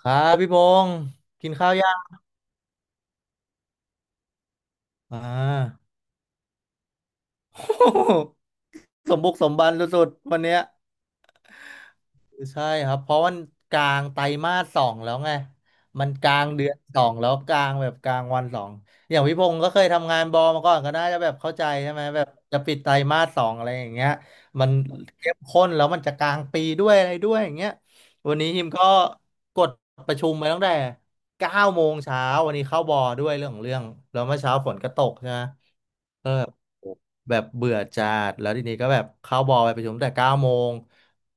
ครับพี่พงศ์กินข้าวยังอ่า สมบุกสมบันสุดๆวันเนี้ยใช่ครับเพราะวันกลางไตรมาสสองแล้วไงมันกลางเดือนสองแล้วกลางแบบกลางวันสองอย่างพี่พงศ์ก็เคยทำงานบอมาก่อนก็น่าจะแบบเข้าใจใช่ไหมแบบจะปิดไตรมาสสองอะไรอย่างเงี้ยมันเข้มข้นแล้วมันจะกลางปีด้วยอะไรด้วยอย่างเงี้ยวันนี้ฮิมก็กดประชุมไปตั้งแต่เก้าโมงเช้าวันนี้เข้าบอด้วยเรื่องของเรื่องแล้วเมื่อเช้าฝนก็ตกใช่ไหม ก็แบบโอ้แบบเบื่อจัดแล้วทีนี้ก็แบบเข้าบอลไปประชุมแต่เก้าโมง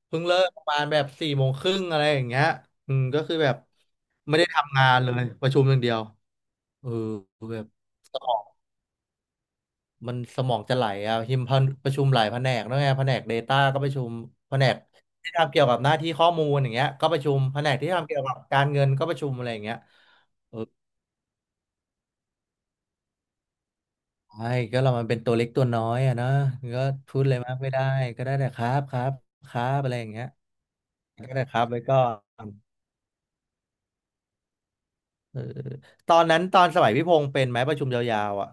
เพิ่งเลิกประมาณแบบสี่โมงครึ่งอะไรอย่างเงี้ยอืมก็คือแบบไม่ได้ทำงานเลยประชุมอย่างเดียวเออแบบสมองมันสมองจะไหลอ่ะหิมพันประชุมหลายแผนกนะไงแผนก Data ก็ประชุมแผนกที่ทำเกี่ยวกับหน้าที่ข้อมูลอย่างเงี้ยก็ประชุมแผนกที่ทำเกี่ยวกับการเงินก็ประชุมอะไรอย่างเงี้ย ใช่ก็เรามันเป็นตัวเล็กตัวน้อยอะเนาะก็พูดเลยมากไม่ได้ก็ได้แต่ครับครับครับอะไรอย่างเงี้ยก็ได้ครับไว้ก่อนเออตอนนั้นตอนสมัยพี่พงษ์เป็นไหมประชุมยาวๆอ่ะ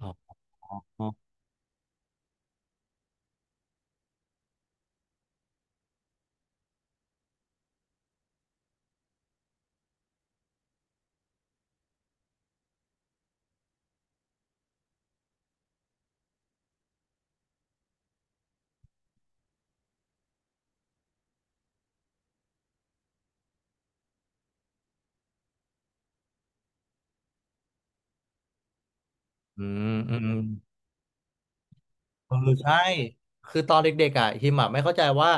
อ๋ออืมอืม เออใช่คือตอนเด็กๆอ่ะฮิมอ่ะไม่เข้าใจว่า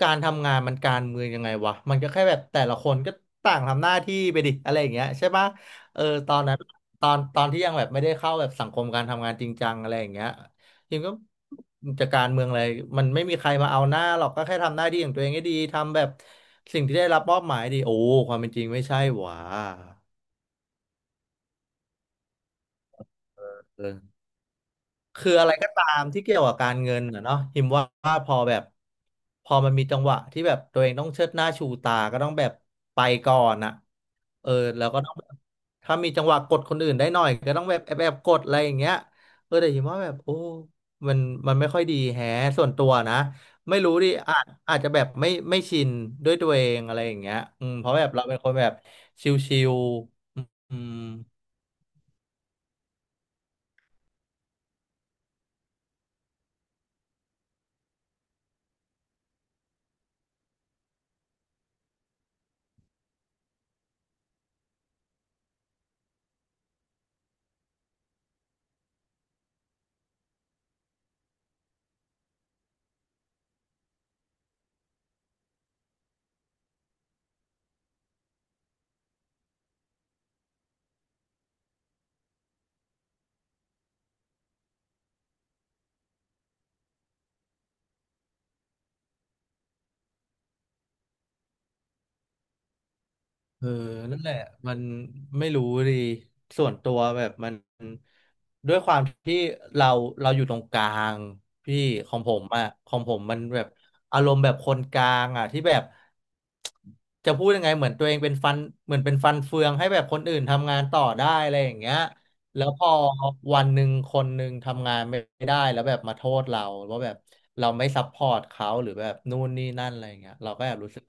การทำงานมันการเมืองยังไงวะมันก็แค่แบบแต่ละคนก็ต่างทำหน้าที่ไปดิอะไรอย่างเงี้ยใช่ปะเออตอนนั้นตอนที่ยังแบบไม่ได้เข้าแบบสังคมการทำงานจริงจังอะไรอย่างเงี้ยฮิมก็จะการเมืองอะไรมันไม่มีใครมาเอาหน้าหรอกก็แค่ทำหน้าที่ของตัวเองให้ดีทำแบบสิ่งที่ได้รับมอบหมายดีโอ้ความเป็นจริงไม่ใช่หว่าเออ คืออะไรก็ตามที่เกี่ยวกับการเงินนะเนาะหิมว่าพอแบบพอมันมีจังหวะที่แบบตัวเองต้องเชิดหน้าชูตาก็ต้องแบบไปก่อนอะเออแล้วก็ต้องแบบถ้ามีจังหวะกดคนอื่นได้หน่อยก็ต้องแบบแอบกดอะไรอย่างเงี้ยเออแต่หิมว่าแบบโอ้มันมันไม่ค่อยดีแฮะส่วนตัวนะไม่รู้ดิอาจจะแบบไม่ชินด้วยตัวเองอะไรอย่างเงี้ยอืมเพราะแบบเราเป็นคนแบบชิลๆอืม เออนั่นแหละมันไม่รู้ดีส่วนตัวแบบมันด้วยความที่เราเราอยู่ตรงกลางพี่ของผมอะของผมมันแบบอารมณ์แบบคนกลางอะที่แบบจะพูดยังไงเหมือนตัวเองเป็นฟันเหมือนเป็นฟันเฟืองให้แบบคนอื่นทำงานต่อได้อะไรอย่างเงี้ยแล้วพอวันหนึ่งคนหนึ่งทำงานไม่ได้แล้วแบบมาโทษเราว่าแบบเราไม่ซัพพอร์ตเขาหรือแบบนู่นนี่นั่นอะไรอย่างเงี้ยเราก็แอบรู้สึก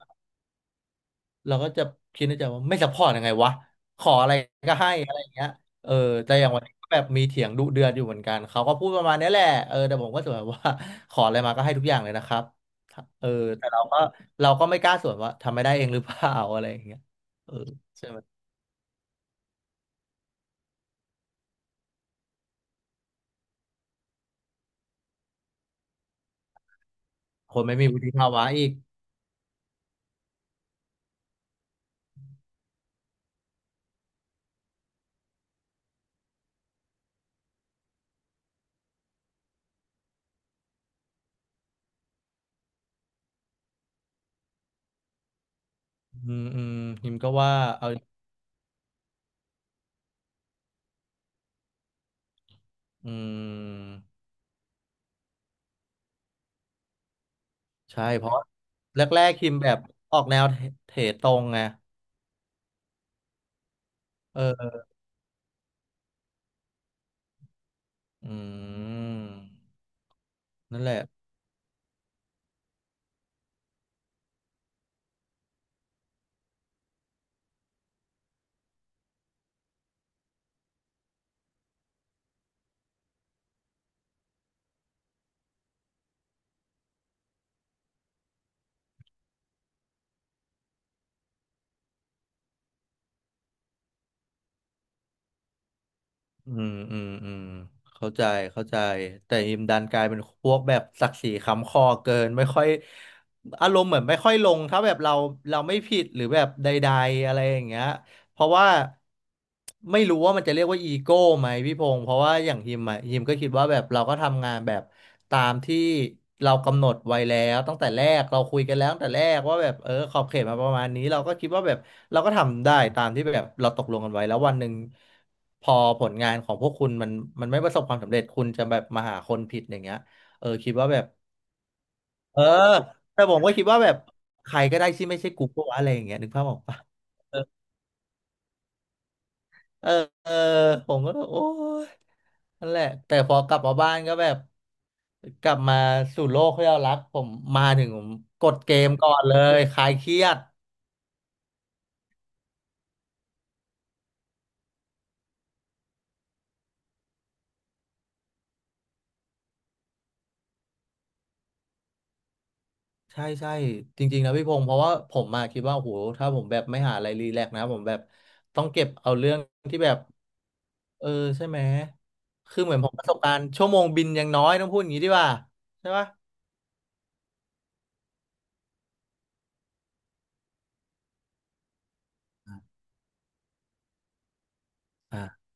เราก็จะคิดในใจว่าไม่ซัพพอร์ตยังไงวะขออะไรก็ให้อะไรอย่างเงี้ยเออแต่อย่างวันนี้ก็แบบมีเถียงดุเดือดอยู่เหมือนกันเขาก็พูดประมาณนี้แหละเออแต่ผมก็สวนว่า ขออะไรมาก็ให้ทุกอย่างเลยนะครับเออแต่เราก็ไม่กล้าสวนว่าทำไม่ได้เองหรือเปล่าอะไรอย่างเงี้ยเออใช่ไหมคนไม่มีวุฒิภาวะอีกอืมอืมฮิมก็ว่าเอาอืมใช่เพราะแรกๆฮิมแบบออกแนวเทตรงไงเอออืมนั่นแหละ อืมอืมอืมเข้าใจเข้าใจแต่อิมดันกลายเป็นพวกแบบศักดิ์ศรีค้ำคอเกินไม่ค่อยอารมณ์เหมือนไม่ค่อยลงถ้าแบบเราไม่ผิดหรือแบบใดๆอะไรอย่างเงี้ย เพราะว่าไม่รู้ว่ามันจะเรียกว่าอีโก้ไหมพี่พงศ์เพราะว่าอย่างฮิมอะฮิมก็คิดว่าแบบเราก็ทำงานแบบตามที่เรากำหนดไว้แล้วตั้งแต่แรกเราคุยกันแล้วตั้งแต่แรกว่าแบบเออขอบเขตมาประมาณนี้เราก็คิดว่าแบบเราก็ทำได้ตามที่แบบเราตกลงกันไว้แล้ววันหนึ่งพอผลงานของพวกคุณมันไม่ประสบความสำเร็จคุณจะแบบมาหาคนผิดอย่างเงี้ยเออคิดว่าแบบเออแต่ผมก็คิดว่าแบบใครก็ได้ที่ไม่ใช่กูก็วะอะไรอย่างเงี้ยนึกภาพออกปะ เออเออ ผมก็โอ้ยนั่นแหละแต่พอกลับมาบ้านก็แบบกลับมาสู่โลกที่เรารักผมมาถึงผมกดเกมก่อนเลยคลายเครียดใช่ใช่จริงๆนะพี่พงศ์เพราะว่าผมมาคิดว่าโอ้โหถ้าผมแบบไม่หาอะไรรีแลกซ์นะผมแบบต้องเก็บเอาเรื่องที่แบบเออใช่ไหมคือเหมือนผมประสบการณ์ชั่วโมงบินยังน้อยต้องพูดอย่างนี้ดีกว่าใช่ปะอ่า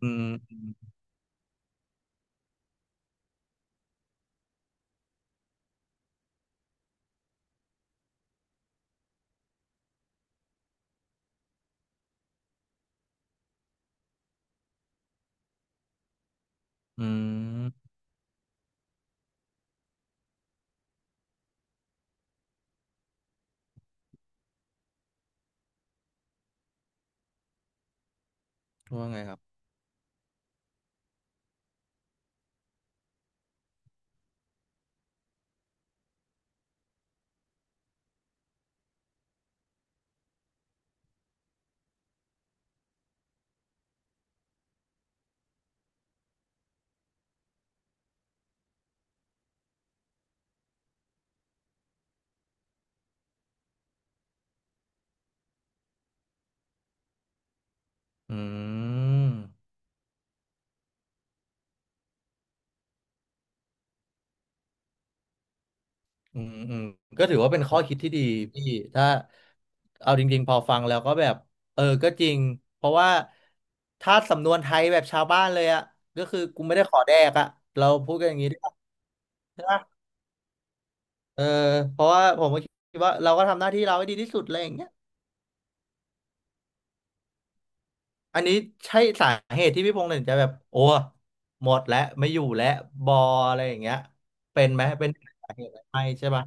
อืมอืมว่าไงครับอืม อืมอืมก็ถือว่าเป็นข้อคิดที่ดีพี่ถ้าเอาจริงๆพอฟังแล้วก็แบบเออก็จริงเพราะว่าถ้าสำนวนไทยแบบชาวบ้านเลยอะก็คือกูไม่ได้ขอแดกอะเราพูดกันอย่างนี้ได้วใช่ปะเออเพราะว่าผมก็คิดว่าเราก็ทำหน้าที่เราให้ดีที่สุดอะไรอย่างเงี้ยอันนี้ใช่สาเหตุที่พี่พงษ์ถึงจะแบบโอ้หมดแล้วไม่อยู่แล้วบออะไรอย่างเงี้ยเป็นไหมเป็นสาเหตุไหมไม่ใช่ปะ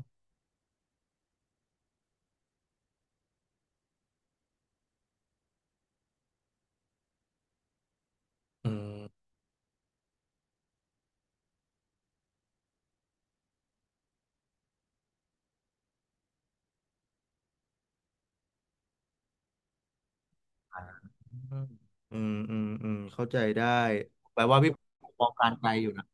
อืม อืมอืมอืมอืมเข้าใจได้แปลว่าพี่มองการไกลอยู่นะ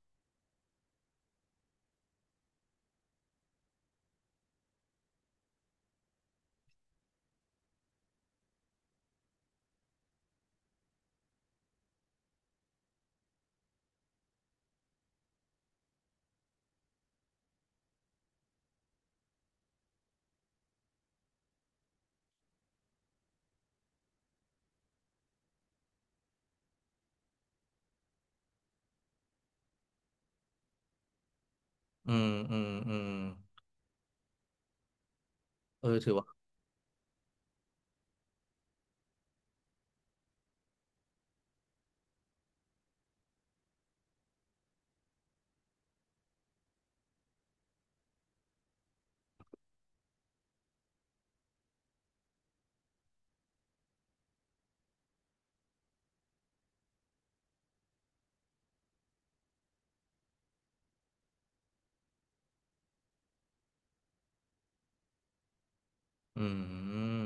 อืมอืมอืมเออถือว่าอืม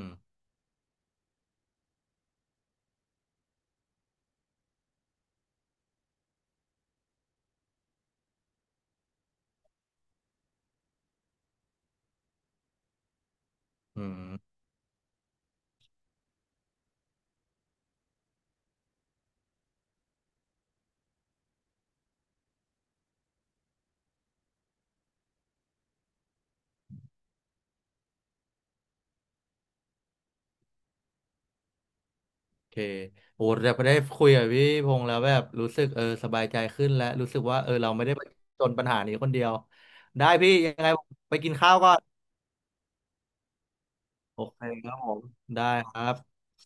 อืมโอเคโอ้แต่พอได้คุยกับพี่พงษ์แล้วแบบรู้สึกเออสบายใจขึ้นแล้วรู้สึกว่าเออเราไม่ได้จนปัญหานี้คนเดียวได้พี่ยังไงผมไปกินข้าวก่อนโอเคครับผมได้ครับ